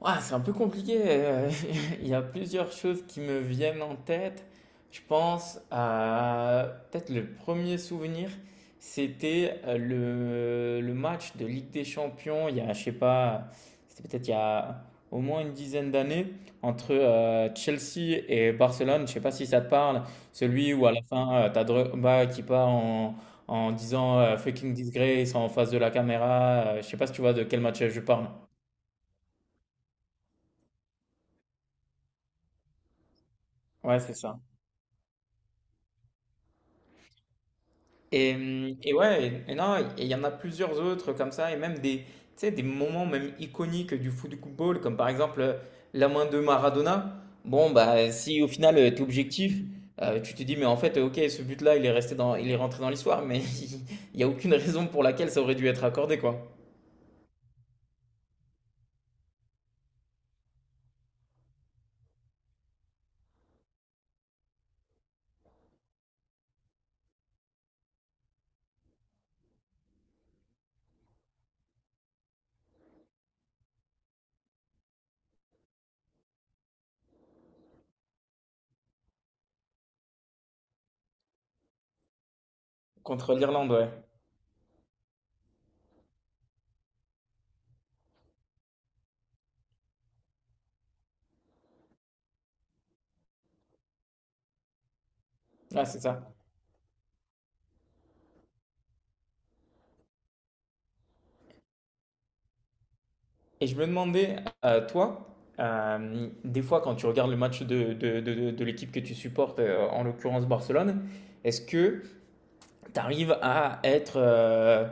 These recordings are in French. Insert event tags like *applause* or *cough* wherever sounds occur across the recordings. Ouais, c'est un peu compliqué. *laughs* Il y a plusieurs choses qui me viennent en tête. Je pense à peut-être le premier souvenir, c'était le match de Ligue des Champions. Il y a, je sais pas, c'était peut-être il y a au moins une dizaine d'années entre Chelsea et Barcelone. Je sais pas si ça te parle. Celui où à la fin, t'as Drogba qui part en, en disant fucking disgrace en face de la caméra. Je sais pas si tu vois de quel match je parle. Ouais, c'est ça. Et ouais, et non, et il y en a plusieurs autres comme ça, et même des, tu sais, des moments même iconiques du football, comme par exemple la main de Maradona. Bon, bah, si au final t'es objectif, tu te dis, mais en fait, ok, ce but-là, il est resté dans, il est rentré dans l'histoire, mais *laughs* il n'y a aucune raison pour laquelle ça aurait dû être accordé, quoi. Contre l'Irlande, ouais. Ah, c'est ça. Et je me demandais, toi, des fois, quand tu regardes le match de l'équipe que tu supportes, en l'occurrence Barcelone, est-ce que tu arrives à être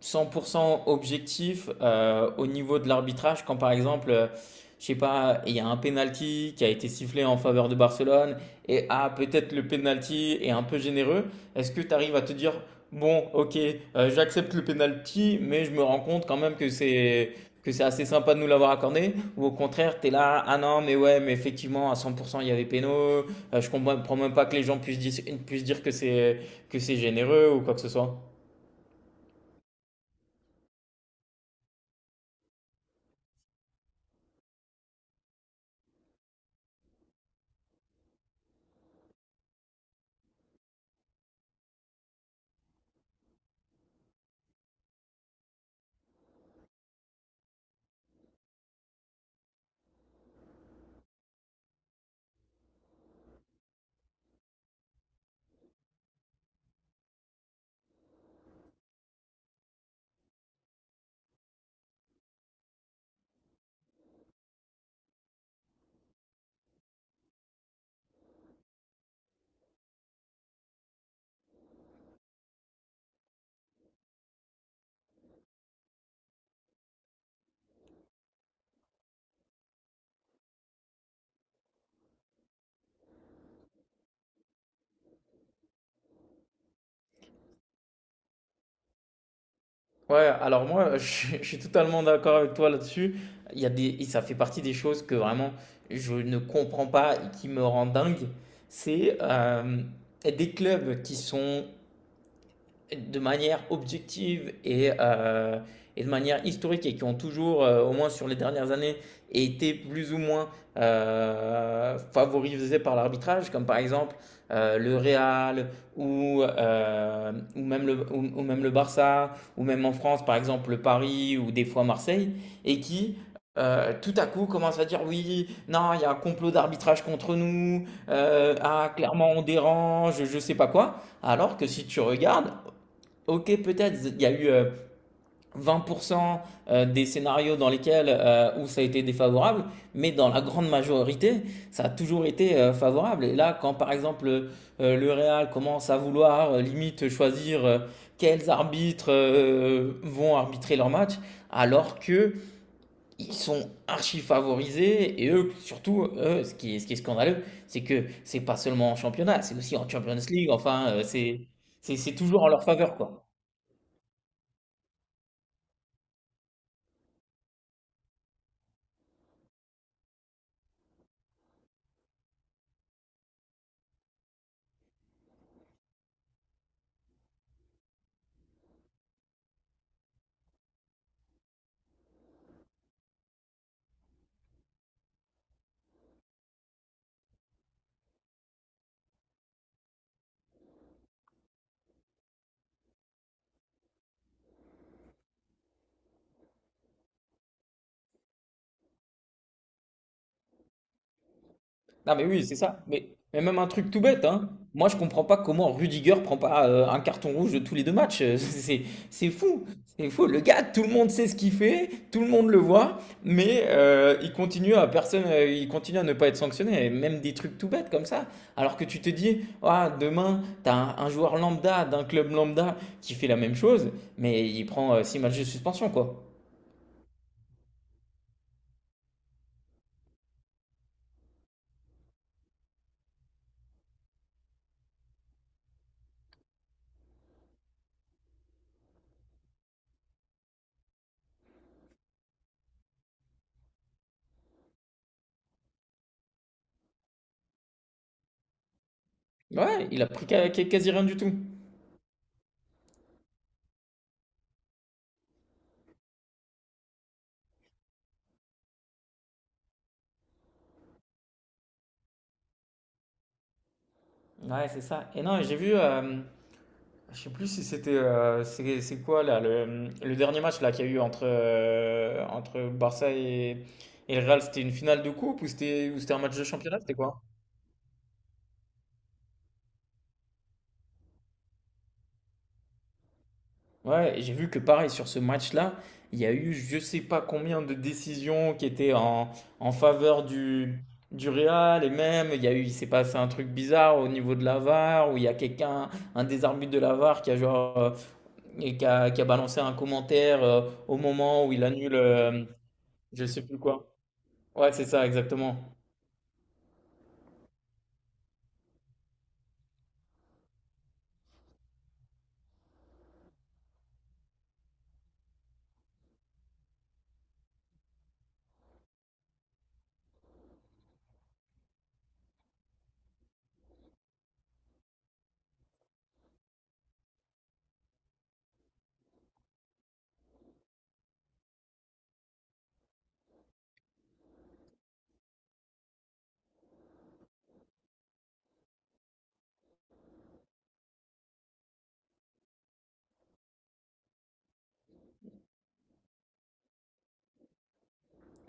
100% objectif au niveau de l'arbitrage quand par exemple, je sais pas, il y a un penalty qui a été sifflé en faveur de Barcelone et ah peut-être le penalty est un peu généreux. Est-ce que tu arrives à te dire bon, OK, j'accepte le penalty mais je me rends compte quand même que c'est assez sympa de nous l'avoir accordé ou au contraire, tu es là ah non, mais ouais, mais effectivement à 100% il y avait péno, je comprends même pas que les gens puissent dire que c'est généreux ou quoi que ce soit. Ouais, alors moi, *laughs* je suis totalement d'accord avec toi là-dessus. Il y a des, et ça fait partie des choses que vraiment je ne comprends pas et qui me rend dingue. C'est des clubs qui sont de manière objective et de manière historique et qui ont toujours, au moins sur les dernières années, été plus ou moins favorisés par l'arbitrage, comme par exemple le Real ou même le Barça, ou même en France, par exemple le Paris ou des fois Marseille, et qui, tout à coup commence à dire oui, non, il y a un complot d'arbitrage contre nous, ah, clairement on dérange, je sais pas quoi. Alors que si tu regardes, ok, peut-être il y a eu 20% des scénarios dans lesquels où ça a été défavorable, mais dans la grande majorité, ça a toujours été favorable. Et là, quand par exemple le Real commence à vouloir limite choisir quels arbitres vont arbitrer leur match, alors que ils sont archi favorisés et eux surtout, eux, ce qui est scandaleux, c'est que c'est pas seulement en championnat, c'est aussi en Champions League. Enfin, c'est c'est toujours en leur faveur quoi. Non, mais oui, c'est ça. Mais même un truc tout bête, hein. Moi, je comprends pas comment Rudiger prend pas un carton rouge de tous les deux matchs. *laughs* C'est fou. C'est fou. Le gars, tout le monde sait ce qu'il fait, tout le monde le voit, mais il continue à ne pas être sanctionné. Et même des trucs tout bêtes comme ça. Alors que tu te dis, ah, demain, t'as un joueur lambda d'un club lambda qui fait la même chose, mais il prend 6 matchs de suspension, quoi. Ouais, il a pris quasi rien du tout. Ouais, c'est ça. Et non, j'ai vu. Je sais plus si c'était c'est quoi là le dernier match là qu'il y a eu entre Barça et le Real, c'était une finale de coupe ou c'était un match de championnat, c'était quoi? Ouais, et j'ai vu que pareil sur ce match-là, il y a eu je sais pas combien de décisions qui étaient en, faveur du Real et même il y a eu il s'est passé un truc bizarre au niveau de la VAR où il y a quelqu'un un des arbitres de la VAR qui a genre et qui a balancé un commentaire au moment où il annule, je sais plus quoi. Ouais, c'est ça, exactement.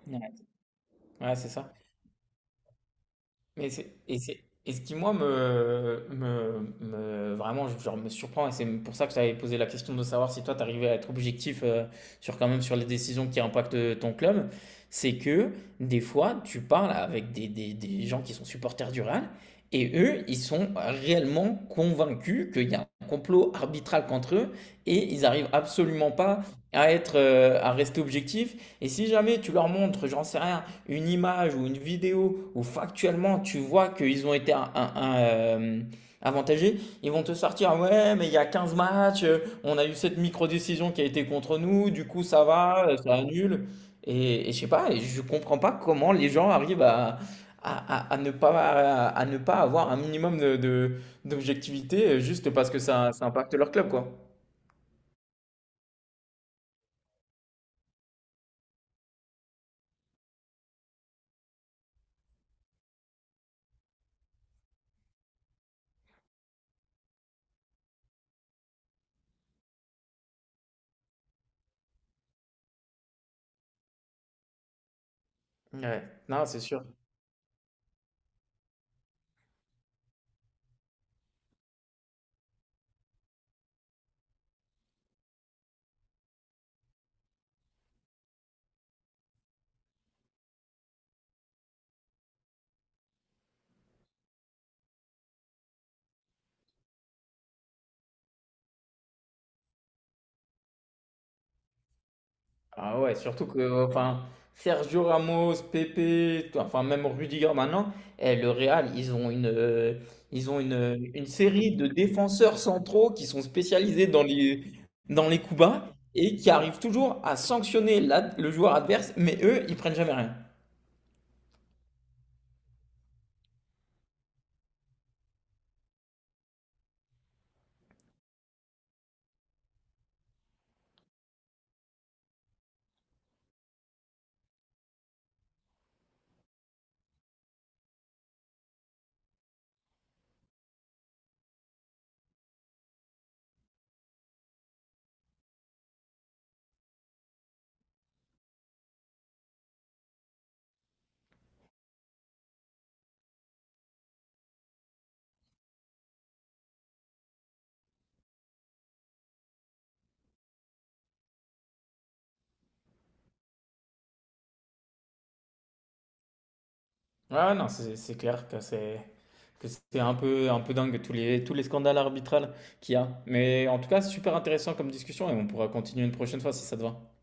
Ouais, ouais, c'est ça. Mais c'est, et ce qui, moi, vraiment, genre, me surprend, et c'est pour ça que je t'avais posé la question de savoir si toi, t'arrivais à être objectif sur, quand même, sur les décisions qui impactent ton club, c'est que, des fois, tu parles avec des gens qui sont supporters du Real, et eux, ils sont réellement convaincus qu'il y a un complot arbitral contre eux, et ils arrivent absolument pas à rester objectifs. Et si jamais tu leur montres, j'en sais rien, une image ou une vidéo où factuellement tu vois qu'ils ont été avantagés, ils vont te sortir ouais mais il y a 15 matchs, on a eu cette micro-décision qui a été contre nous, du coup ça va, ça annule. Et, je sais pas, et je comprends pas comment les gens arrivent à, ne pas, à ne pas avoir un minimum de, d'objectivité juste parce que ça impacte leur club quoi. Ouais, non, c'est sûr. Ah ouais, surtout que enfin, Sergio Ramos, Pepe, enfin même Rudiger maintenant, eh, le Real, ils ont une série de défenseurs centraux qui sont spécialisés dans les, coups bas et qui arrivent toujours à sanctionner le joueur adverse, mais eux, ils prennent jamais rien. Ouais, non, c'est clair que c'est un peu dingue tous les, scandales arbitrales qu'il y a. Mais en tout cas, super intéressant comme discussion et on pourra continuer une prochaine fois si ça te va.